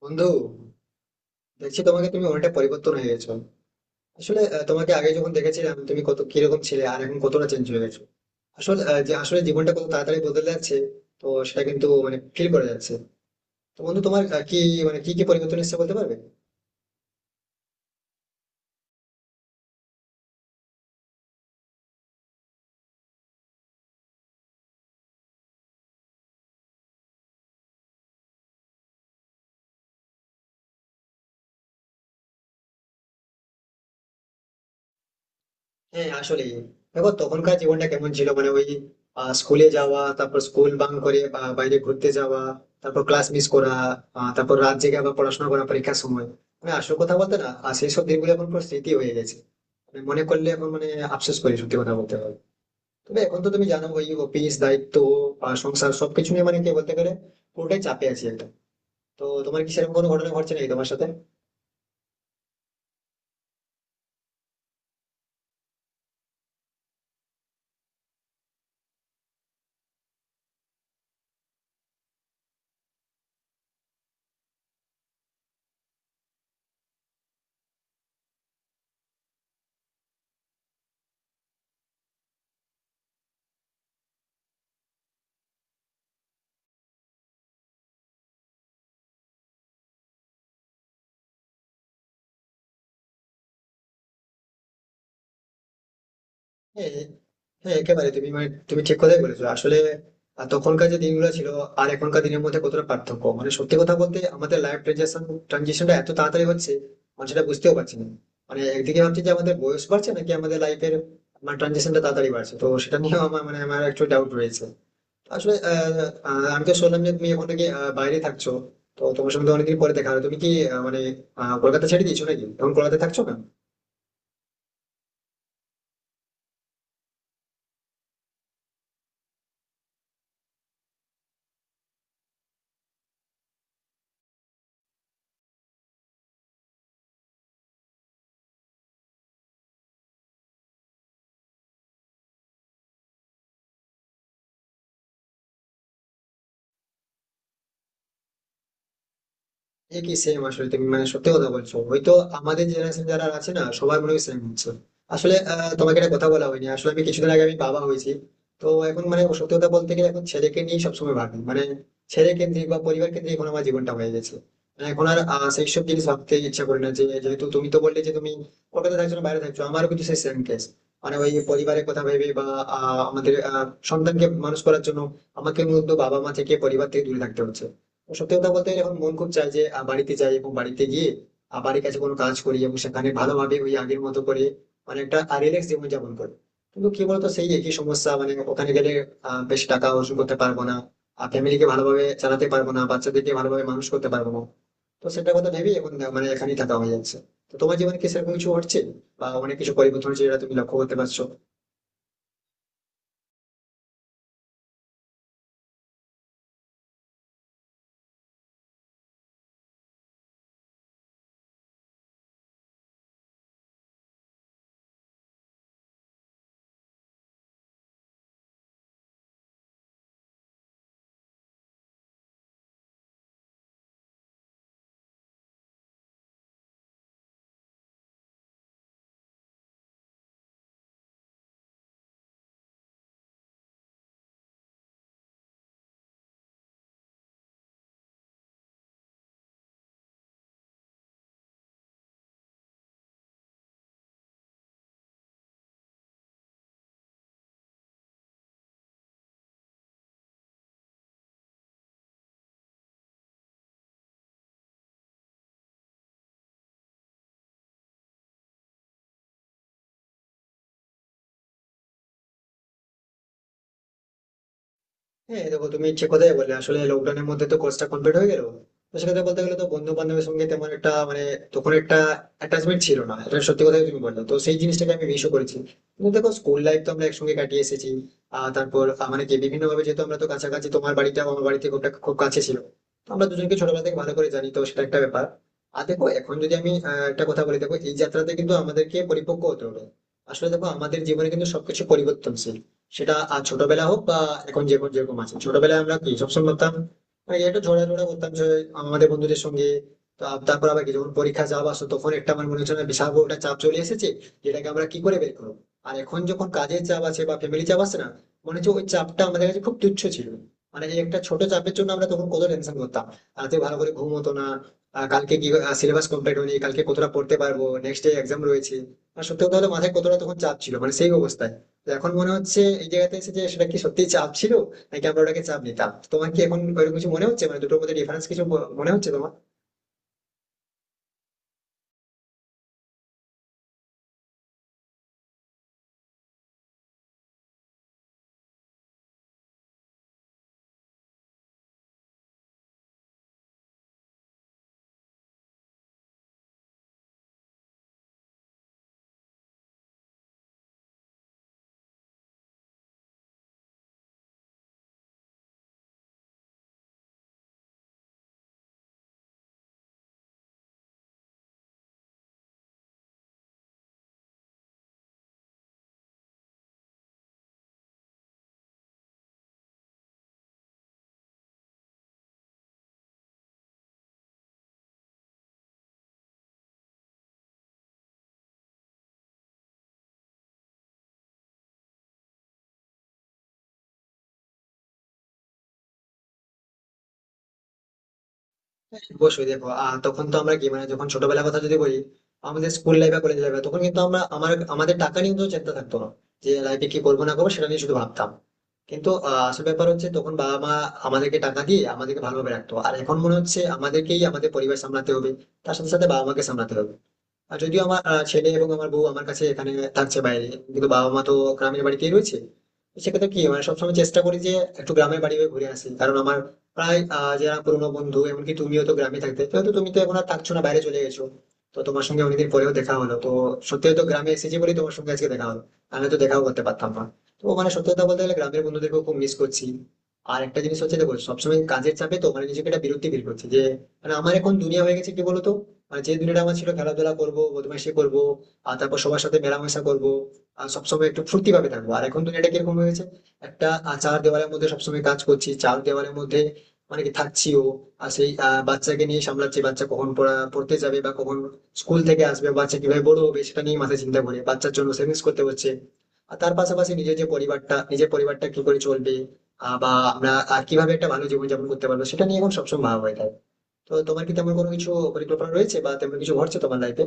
বন্ধু, দেখছি তোমাকে তুমি অনেকটা পরিবর্তন হয়ে গেছো। আসলে তোমাকে আগে যখন দেখেছিলাম তুমি কত কিরকম ছিলে আর এখন কতটা চেঞ্জ হয়ে গেছো। আসলে যে আসলে জীবনটা কত তাড়াতাড়ি বদলে যাচ্ছে, তো সেটা কিন্তু মানে ফিল করা যাচ্ছে। তো বন্ধু, তোমার কি মানে কি কি পরিবর্তন এসেছে বলতে পারবে? হ্যাঁ, আসলে দেখো তখনকার জীবনটা কেমন ছিল, মানে ওই স্কুলে যাওয়া, তারপর স্কুল বাং করে বা বাইরে ঘুরতে যাওয়া, তারপর ক্লাস মিস করা, তারপর রাত জেগে আবার পড়াশোনা করা পরীক্ষার সময়। মানে আসল কথা বলতে, না আর সেই সব দিনগুলো এখন পুরো স্মৃতি হয়ে গেছে। মানে মনে করলে এখন মানে আফসোস করি, সত্যি কথা বলতে হবে। তবে এখন তো তুমি জানো ওই অফিস দায়িত্ব আর সংসার সবকিছু নিয়ে মানে কি বলতে গেলে পুরোটাই চাপে আছি একটা। তো তোমার কি সেরকম কোনো ঘটনা ঘটছে নাকি তোমার সাথে? হ্যাঁ, হ্যাঁ, একেবারে তুমি তুমি ঠিক কথাই বলেছো। আসলে তখনকার যে দিনগুলো ছিল আর এখনকার দিনের মধ্যে কতটা পার্থক্য, মানে সত্যি কথা বলতে আমাদের লাইফ ট্রানজিশনটা এত তাড়াতাড়ি হচ্ছে, মানে সেটা বুঝতেও পারছি না। মানে একদিকে ভাবছি যে আমাদের বয়স বাড়ছে নাকি আমাদের লাইফের মানে ট্রানজিশনটা তাড়াতাড়ি বাড়ছে, তো সেটা নিয়েও আমার একটু ডাউট রয়েছে। আসলে আহ, আহ, আমি তো শুনলাম যে তুমি এখন থেকে বাইরে থাকছো, তো তোমার সঙ্গে তো অনেকদিন পরে দেখা হলো। তুমি কি মানে কলকাতা ছেড়ে দিয়েছো নাকি এখন কলকাতায় থাকছো না? একই সেম, আসলে তুমি মানে সত্যি কথা বলছো হয়তো। আমাদের জেনারেশন যারা আছে না সবার মনে হয় সেম হচ্ছে। আসলে তোমাকে একটা কথা বলা হয়নি, আসলে আমি কিছুদিন আগে আমি বাবা হয়েছি। তো এখন মানে সত্যি কথা বলতে গেলে এখন ছেলেকে নিয়ে সবসময় ভাবি, মানে ছেলে কেন্দ্রিক বা পরিবার কেন্দ্রিক এখন আমার জীবনটা হয়ে গেছে। মানে এখন আর সেই সব জিনিস ভাবতে ইচ্ছা করে না, যে যেহেতু তুমি তো বললে যে তুমি কলকাতা থাকছো না বাইরে থাকছো, আমারও কিন্তু সেই সেম কেস। মানে ওই পরিবারের কথা ভেবে বা আমাদের সন্তানকে মানুষ করার জন্য আমাকে মূলত বাবা মা থেকে পরিবার থেকে দূরে থাকতে হচ্ছে। সত্যি কথা বলতে এখন মন খুব চায় যে বাড়িতে যাই এবং বাড়িতে গিয়ে বাড়ির কাছে কোনো কাজ করি এবং সেখানে ভালোভাবে ওই আগের মতো করে মানে একটা রিল্যাক্স জীবন যাপন করি। কিন্তু কি বলতো, সেই একই সমস্যা মানে ওখানে গেলে বেশি টাকা অর্জন করতে পারবো না, আর ফ্যামিলিকে ভালোভাবে চালাতে পারবো না, বাচ্চাদেরকে ভালোভাবে মানুষ করতে পারবো না। তো সেটার কথা ভেবেই এখন মানে এখানেই থাকা হয়ে যাচ্ছে। তো তোমার জীবনে কি সেরকম কিছু হচ্ছে বা অনেক কিছু পরিবর্তন হচ্ছে যেটা তুমি লক্ষ্য করতে পারছো? হ্যাঁ দেখো তুমি ঠিক কথাই বললে। আসলে লকডাউনের মধ্যে তো কোর্সটা কমপ্লিট হয়ে গেল, তো সেক্ষেত্রে বলতে গেলে তো বন্ধু বান্ধবের সঙ্গে তেমন একটা মানে তখন একটা অ্যাটাচমেন্ট ছিল না, এটা সত্যি কথাই তুমি বললে, তো সেই জিনিসটাকে আমি মিসও করেছি। কিন্তু দেখো স্কুল লাইফ তো আমরা একসঙ্গে কাটিয়ে এসেছি। আর তারপর মানে কি বিভিন্ন ভাবে, যেহেতু আমরা তো কাছাকাছি, তোমার বাড়িটাও আমার বাড়ি থেকে খুব কাছে ছিল। তো আমরা দুজনকে ছোটবেলা থেকে ভালো করে জানি, তো সেটা একটা ব্যাপার। আর দেখো এখন যদি আমি একটা কথা বলি, দেখো এই যাত্রাতে কিন্তু আমাদেরকে পরিপক্ক হতে হবে। আসলে দেখো আমাদের জীবনে কিন্তু সবকিছু পরিবর্তনশীল, সেটা আর ছোটবেলা হোক বা এখন যে কোন যেরকম আছে। ছোটবেলায় আমরা কি সবসময় করতাম, মানে একটু ঝোড়াঝোড়া করতাম যে আমাদের বন্ধুদের সঙ্গে, তারপর আবার কি যখন পরীক্ষা চাপ আসতো তখন একটা আমার মনে হচ্ছে না বিশাল বড় একটা চাপ চলে এসেছে, যেটাকে আমরা কি করে বের করবো। আর এখন যখন কাজের চাপ আছে বা ফ্যামিলি চাপ আছে না, মনে হচ্ছে ওই চাপটা আমাদের কাছে খুব তুচ্ছ ছিল। মানে এই একটা ছোট চাপের জন্য আমরা তখন কত টেনশন করতাম, রাতে ভালো করে ঘুম হতো না, কালকে কি সিলেবাস কমপ্লিট হয়নি, কালকে কতটা পড়তে পারবো, নেক্সট ডে এক্সাম রয়েছে। আর সত্যি কথা হলো মাথায় কতটা তখন চাপ ছিল, মানে সেই অবস্থায়। তো এখন মনে হচ্ছে এই জায়গাতে এসে যে সেটা কি সত্যি চাপ ছিল নাকি আমরা ওটাকে চাপ নিতাম। তোমার কি এখন ওইরকম কিছু মনে হচ্ছে, মানে দুটোর মধ্যে ডিফারেন্স কিছু মনে হচ্ছে তোমার? অবশ্যই দেখো তখন তো আমরা কি মানে যখন ছোটবেলার কথা যদি বলি, আমাদের স্কুল লাইফ বা কলেজ লাইফ, তখন কিন্তু আমরা আমার আমাদের টাকা নিয়ে তো চিন্তা থাকতো না, যে লাইফে কি করবো না করবো সেটা নিয়ে শুধু ভাবতাম। কিন্তু আসল ব্যাপার হচ্ছে তখন বাবা মা আমাদেরকে টাকা দিয়ে আমাদেরকে ভালোভাবে রাখতো, আর এখন মনে হচ্ছে আমাদেরকেই আমাদের পরিবার সামলাতে হবে, তার সাথে সাথে বাবা মাকে সামলাতে হবে। আর যদিও আমার ছেলে এবং আমার বউ আমার কাছে এখানে থাকছে বাইরে, কিন্তু বাবা মা তো গ্রামের বাড়িতেই রয়েছে। তো সেক্ষেত্রে কি মানে সবসময় চেষ্টা করি যে একটু গ্রামের বাড়ি হয়ে ঘুরে আসি, কারণ আমার প্রায় যারা পুরোনো বন্ধু, এমনকি তুমিও তো গ্রামে থাকতে, যেহেতু তুমি তো এখন আর থাকছো না বাইরে চলে গেছো, তো তোমার সঙ্গে অনেকদিন পরেও দেখা হলো। তো সত্যি, তো গ্রামে এসেছি বলেই তোমার সঙ্গে আজকে দেখা হলো, আমি তো দেখাও করতে পারতাম না। তো মানে সত্যি কথা বলতে গেলে গ্রামের বন্ধুদেরকেও খুব মিস করছি। আর একটা জিনিস হচ্ছে, দেখো সবসময় কাজের চাপে তো মানে নিজেকে একটা বিরক্তি ফিল করছি যে, মানে আমার এখন দুনিয়া হয়ে গেছে কি বলতো, আর যে দুনিয়াটা আমার ছিল খেলাধুলা করবো, বদমাইশি করবো, আর তারপর সবার সাথে মেলামেশা করবো, আর সবসময় একটু ফুর্তি ভাবে থাকবো। আর এখন দুনিয়াটা কিরকম হয়ে গেছে, একটা চার দেওয়ালের মধ্যে সবসময় কাজ করছি, চার দেওয়ালের মধ্যে মানে কি থাকছিও। আর সেই বাচ্চাকে নিয়ে সামলাচ্ছি, বাচ্চা কখন পড়তে যাবে বা কখন স্কুল থেকে আসবে, বাচ্চা কিভাবে বড় হবে সেটা নিয়ে মাথায় চিন্তা করে বাচ্চার জন্য সেভিংস করতে হচ্ছে। আর তার পাশাপাশি নিজের পরিবারটা কি করে চলবে, বা আমরা কিভাবে একটা ভালো জীবনযাপন করতে পারবো, সেটা নিয়ে এখন সবসময় ভাবা হয়ে থাকে। তো তোমার কি তেমন কোনো কিছু পরিকল্পনা রয়েছে বা তেমন কিছু ঘটছে তোমার লাইফে?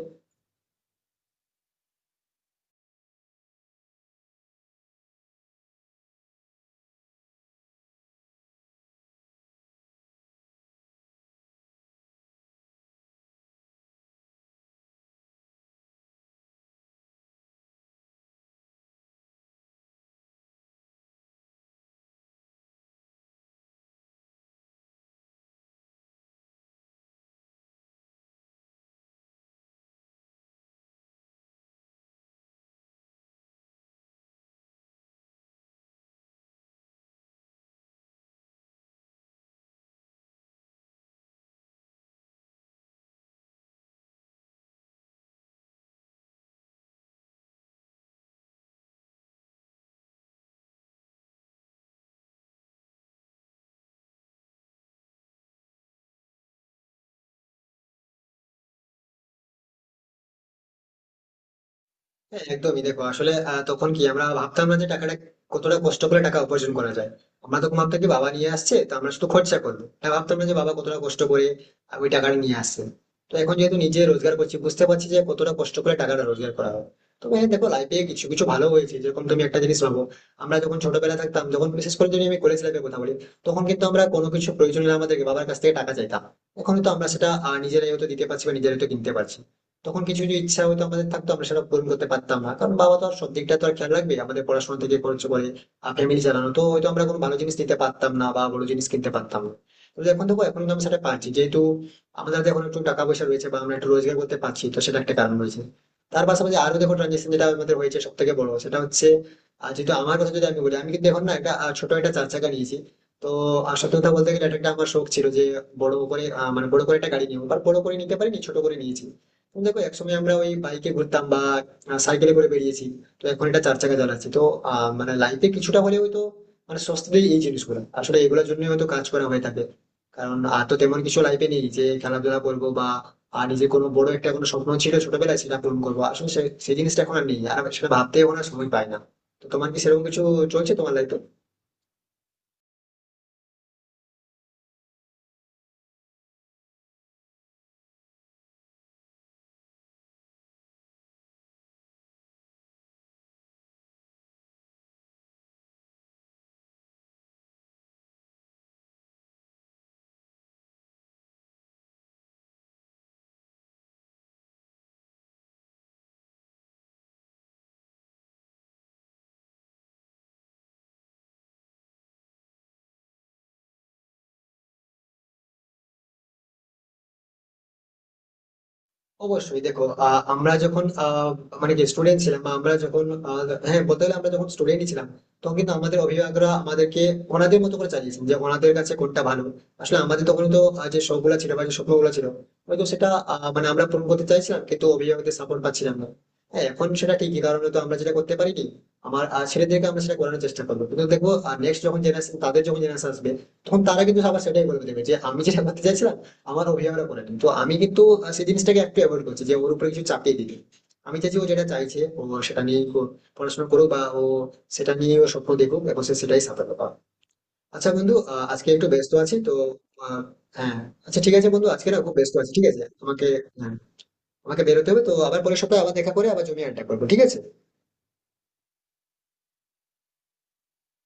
হ্যাঁ, একদমই দেখো আসলে তখন কি আমরা ভাবতাম না যে টাকাটা কতটা কষ্ট করে টাকা উপার্জন করা যায়। আমরা তখন ভাবতাম কি বাবা নিয়ে আসছে তো আমরা শুধু খরচা করবো, এটা ভাবতাম না যে বাবা কতটা কষ্ট করে ওই টাকাটা নিয়ে আসছে। তো এখন যেহেতু নিজে রোজগার করছি, বুঝতে পারছি যে কতটা কষ্ট করে টাকাটা রোজগার করা হয়। তবে হ্যাঁ দেখো লাইফে কিছু কিছু ভালো হয়েছে, যেরকম তুমি একটা জিনিস ভাবো, আমরা যখন ছোটবেলা থাকতাম, যখন বিশেষ করে যদি আমি কলেজ লাইফের কথা বলি, তখন কিন্তু আমরা কোনো কিছু প্রয়োজন হলে আমাদেরকে বাবার কাছ থেকে টাকা চাইতাম, এখন তো আমরা সেটা নিজেরাই হয়তো দিতে পারছি বা নিজেরাই হয়তো কিনতে পারছি। তখন কিছু কিছু ইচ্ছা হয়তো আমাদের থাকতো, আমরা সেটা পূরণ করতে পারতাম না, কারণ বাবা তো আর সব দিকটা তো আর খেয়াল রাখবে, আমাদের পড়াশোনা থেকে খরচ করে ফ্যামিলি চালানো, তো হয়তো আমরা কোনো ভালো জিনিস নিতে পারতাম না বা বড় জিনিস কিনতে পারতাম না। কিন্তু এখন দেখো, এখন কিন্তু আমি সেটা পাচ্ছি, যেহেতু আমাদের হাতে এখন একটু টাকা পয়সা রয়েছে বা আমরা একটু রোজগার করতে পারছি, তো সেটা একটা কারণ রয়েছে। তার পাশাপাশি আরো দেখো ট্রানজেকশন যেটা আমাদের হয়েছে সব থেকে বড় সেটা হচ্ছে, আর যেহেতু আমার কথা যদি আমি বলি, আমি কিন্তু এখন না একটা ছোট একটা চার চাকা নিয়েছি। তো সত্যি কথা বলতে গেলে এটা একটা আমার শখ ছিল, যে বড় করে মানে বড় করে একটা গাড়ি নিয়ে, বাট বড় করে নিতে পারিনি, ছোট করে নিয়েছি। তো দেখো একসময় আমরা ওই বাইকে ঘুরতাম বা সাইকেলে করে বেরিয়েছি, তো এখন এটা চার চাকা চালাচ্ছি। তো মানে লাইফে কিছুটা হলেও হয়তো মানে স্বস্তি দেয় এই জিনিসগুলো, আসলে এগুলোর জন্য হয়তো কাজ করা হয়ে থাকে। কারণ আর তো তেমন কিছু লাইফে নেই যে খেলাধুলা করবো বা, আর নিজে কোনো বড় একটা কোনো স্বপ্ন ছিল ছোটবেলায় সেটা পূরণ করবো, আসলে সেই জিনিসটা এখন আর নেই, আর আমি সেটা ভাবতেও না সময় পাই না। তো তোমার কি সেরকম কিছু চলছে তোমার লাইফে? অবশ্যই দেখো আমরা যখন মানে কি স্টুডেন্ট ছিলাম বা আমরা যখন আহ, হ্যাঁ বলতে গেলে আমরা যখন স্টুডেন্টই ছিলাম, তখন কিন্তু আমাদের অভিভাবকরা আমাদেরকে ওনাদের মতো করে চালিয়েছেন, যে ওনাদের কাছে কোনটা ভালো। আসলে আমাদের তখন তো যে শখ ছিল বা যে স্বপ্ন ছিল, হয়তো সেটা মানে আমরা পূরণ করতে চাইছিলাম, কিন্তু অভিভাবকদের সাপোর্ট পাচ্ছিলাম না। হ্যাঁ এখন সেটা ঠিকই, কারণ তো আমরা যেটা করতে পারি কি, আমার ছেলেদেরকে আমরা সেটা করানোর চেষ্টা করবো, কিন্তু দেখবো নেক্সট যখন জেনারেশন, তাদের যখন জেনারেশন আসবে, তখন তারা কিন্তু আবার সেটাই বলবে দেখবে যে আমি যেটা করতে চাইছিলাম আমার অভিভাবকরা করে। তো আমি কিন্তু সেই জিনিসটাকে একটু অ্যাভয়েড করছি, যে ওর উপরে কিছু চাপিয়ে দিতে। আমি চাইছি ও যেটা চাইছে ও সেটা নিয়ে পড়াশোনা করুক বা ও সেটা নিয়ে ও স্বপ্ন দেখুক এবং সে সেটাই সাফল্য পাক। আচ্ছা বন্ধু, আজকে একটু ব্যস্ত আছি তো। আহ, হ্যাঁ। আচ্ছা ঠিক আছে বন্ধু, আজকে না খুব ব্যস্ত আছি, ঠিক আছে তোমাকে? হ্যাঁ। আমাকে বেরোতে হবে তো, আবার পরের সপ্তাহে আবার দেখা করে আবার জমি আড্ডা করবো, ঠিক আছে?